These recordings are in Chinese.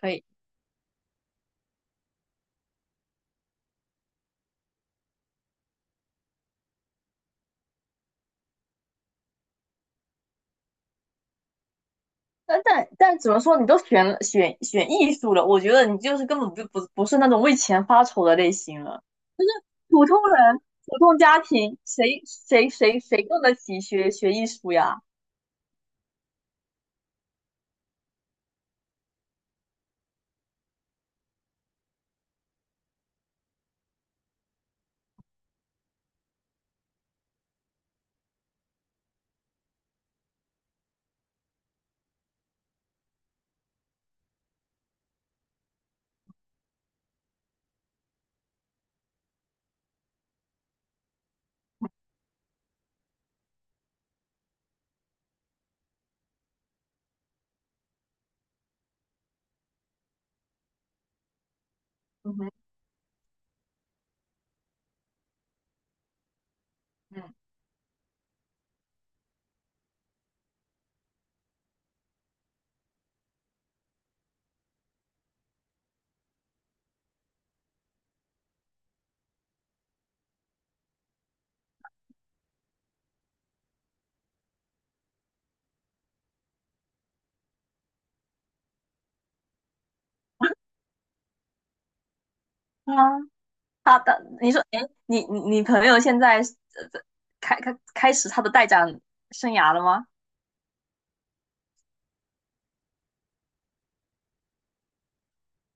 可以。但怎么说，你都选了艺术了，我觉得你就是根本就不是那种为钱发愁的类型了。普通人、普通家庭，谁供得起学艺术呀？嗯哼，嗯，啊，你说，哎，你朋友现在在开始他的带展生涯了吗？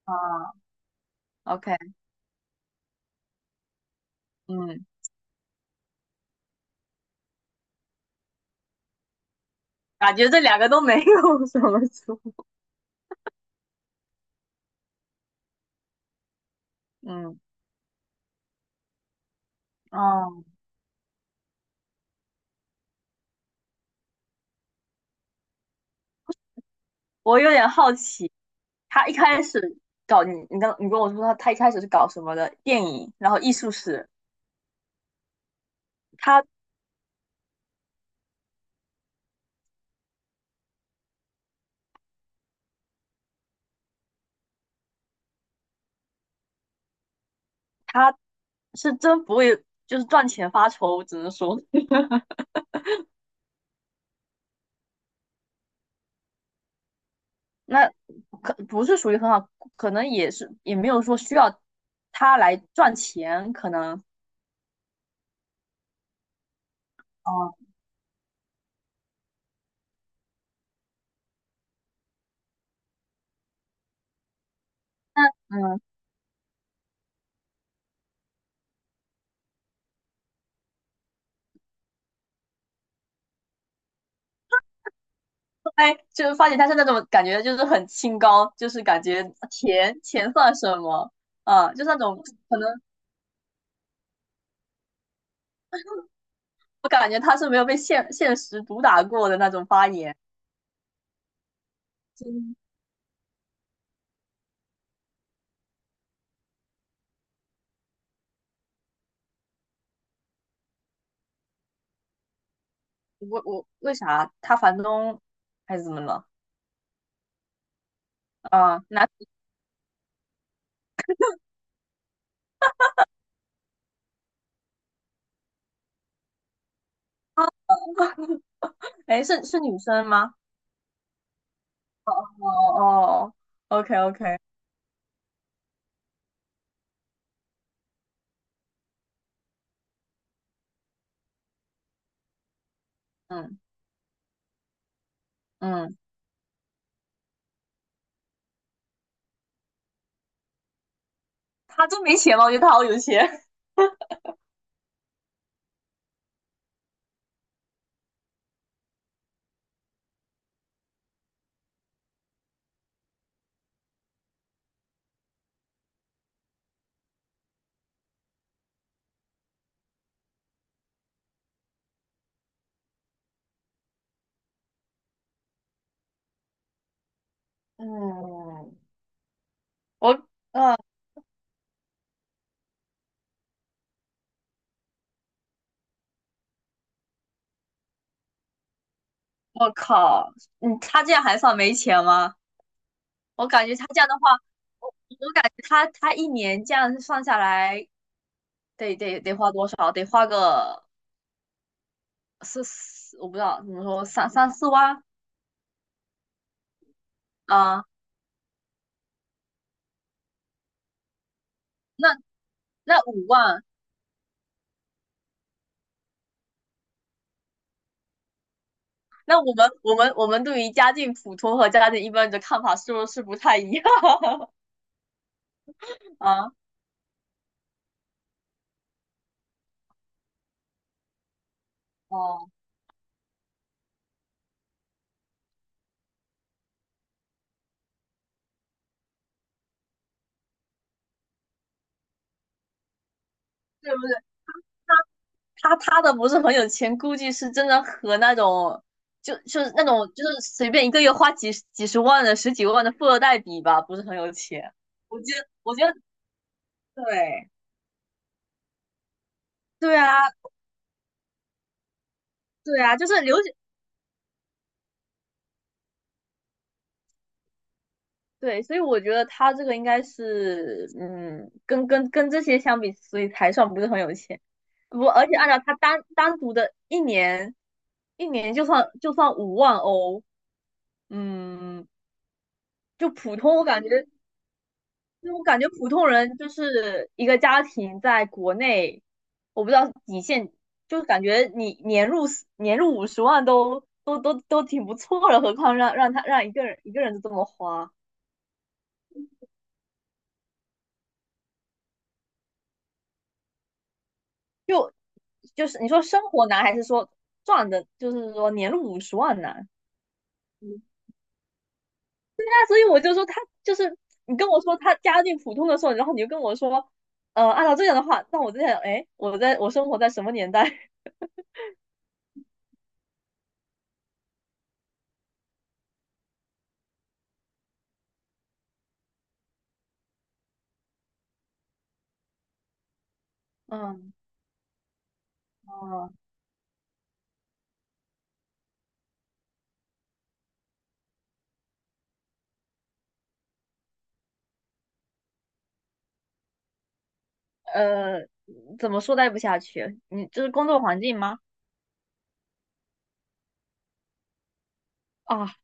啊，OK，嗯，感觉这两个都没有什么出，嗯，哦，我有点好奇，他一开始搞你，你刚你跟我说他一开始是搞什么的，电影，然后艺术史，他他是真不会，就是赚钱发愁，我只能说。 那可不是属于很好，可能也没有说需要他来赚钱，可能。哦，那嗯，后来就是发现他是那种感觉就是很清高，就是感觉钱算什么啊？就是那种。可能我感觉他是没有被现实毒打过的那种发言。我为啥，他房东还是怎么了？啊，哎，是女生吗？哦哦，OK OK，嗯嗯，他真没钱吗？我觉得他好有钱。嗯，我嗯，我靠，嗯，他这样还算没钱吗？我感觉他这样的话，我感觉他一年这样算下来，得花多少？得花个四，我不知道怎么说，三四万啊、那那五万。那我们对于家境普通和家境一般的看法是不是不太一样？ 啊？哦，是不是？他的不是很有钱，估计是真的和那种就是那种就是随便一个月花几十万的、十几万的富二代比吧，不是很有钱。我觉得，我觉得。对对啊，对啊，就是留学。对，所以我觉得他这个应该是嗯，跟这些相比，所以才算不是很有钱。而且按照他单独的一年，一年就算5万欧，嗯，就普通我感觉，就我感觉普通人就是一个家庭在国内，我不知道底线，就是感觉你年入五十万都挺不错了，何况让一个人就这么花。就是你说生活难还是说赚的，就是说年入五十万难？所以我就说就是，你跟我说他家境普通的时候，然后你就跟我说，按照这样的话，那我在想，哎，我生活在什么年代？嗯，哦，呃，怎么说待不下去？你就是工作环境吗？啊，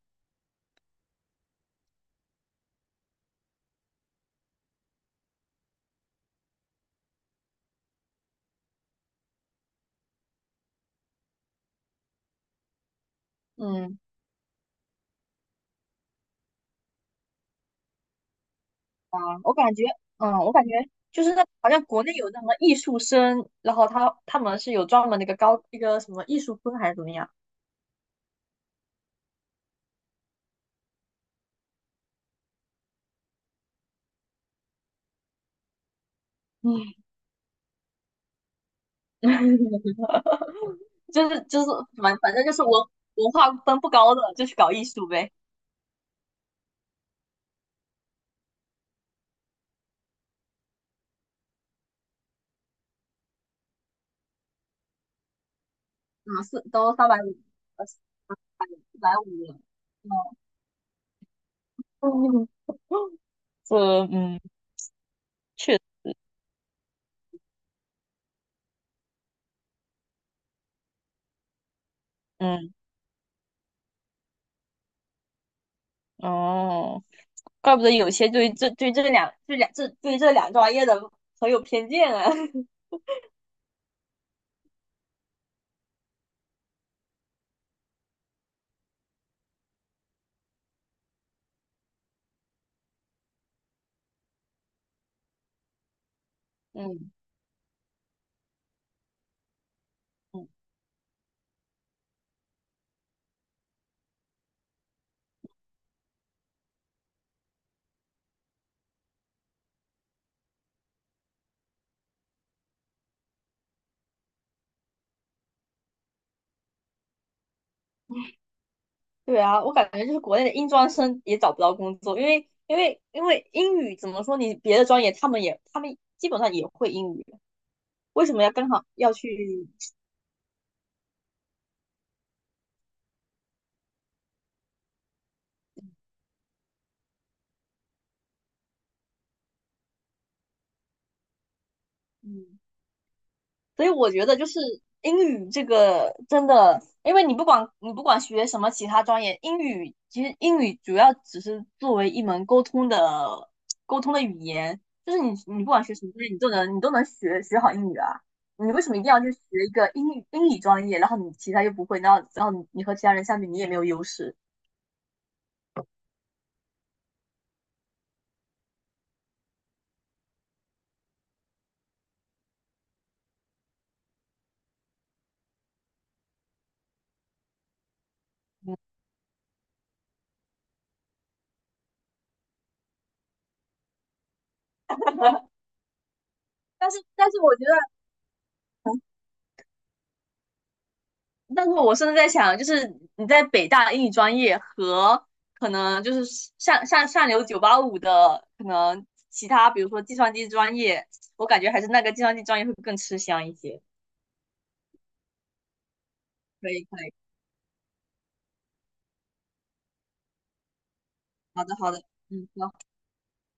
嗯啊，我感觉就是那，好像国内有那么艺术生，然后他们是有专门那个高一个什么艺术分还是怎么样？嗯，就是反正就是文化分不高的就去搞艺术呗。啊，都350，450了。嗯，这嗯，确嗯哦，怪不得有些对这对这两对两这对这两专业的很有偏见啊。嗯嗯，对啊，我感觉就是国内的英专生也找不到工作，因为英语怎么说，你别的专业他们基本上也会英语，为什么要刚好要去？嗯所以我觉得就是，英语这个真的，因为你不管学什么其他专业，英语其实主要只是作为一门沟通的语言，就是你不管学什么专业，你都能学好英语啊。你为什么一定要去学一个英语专业，然后你其他又不会，然后你和其他人相比，你也没有优势。但是但是我觉得但是我甚至在想，就是你在北大英语专业和可能就是上流985的可能其他，比如说计算机专业，我感觉还是那个计算机专业会更吃香一些。可以，可以，好的，好的，嗯，好。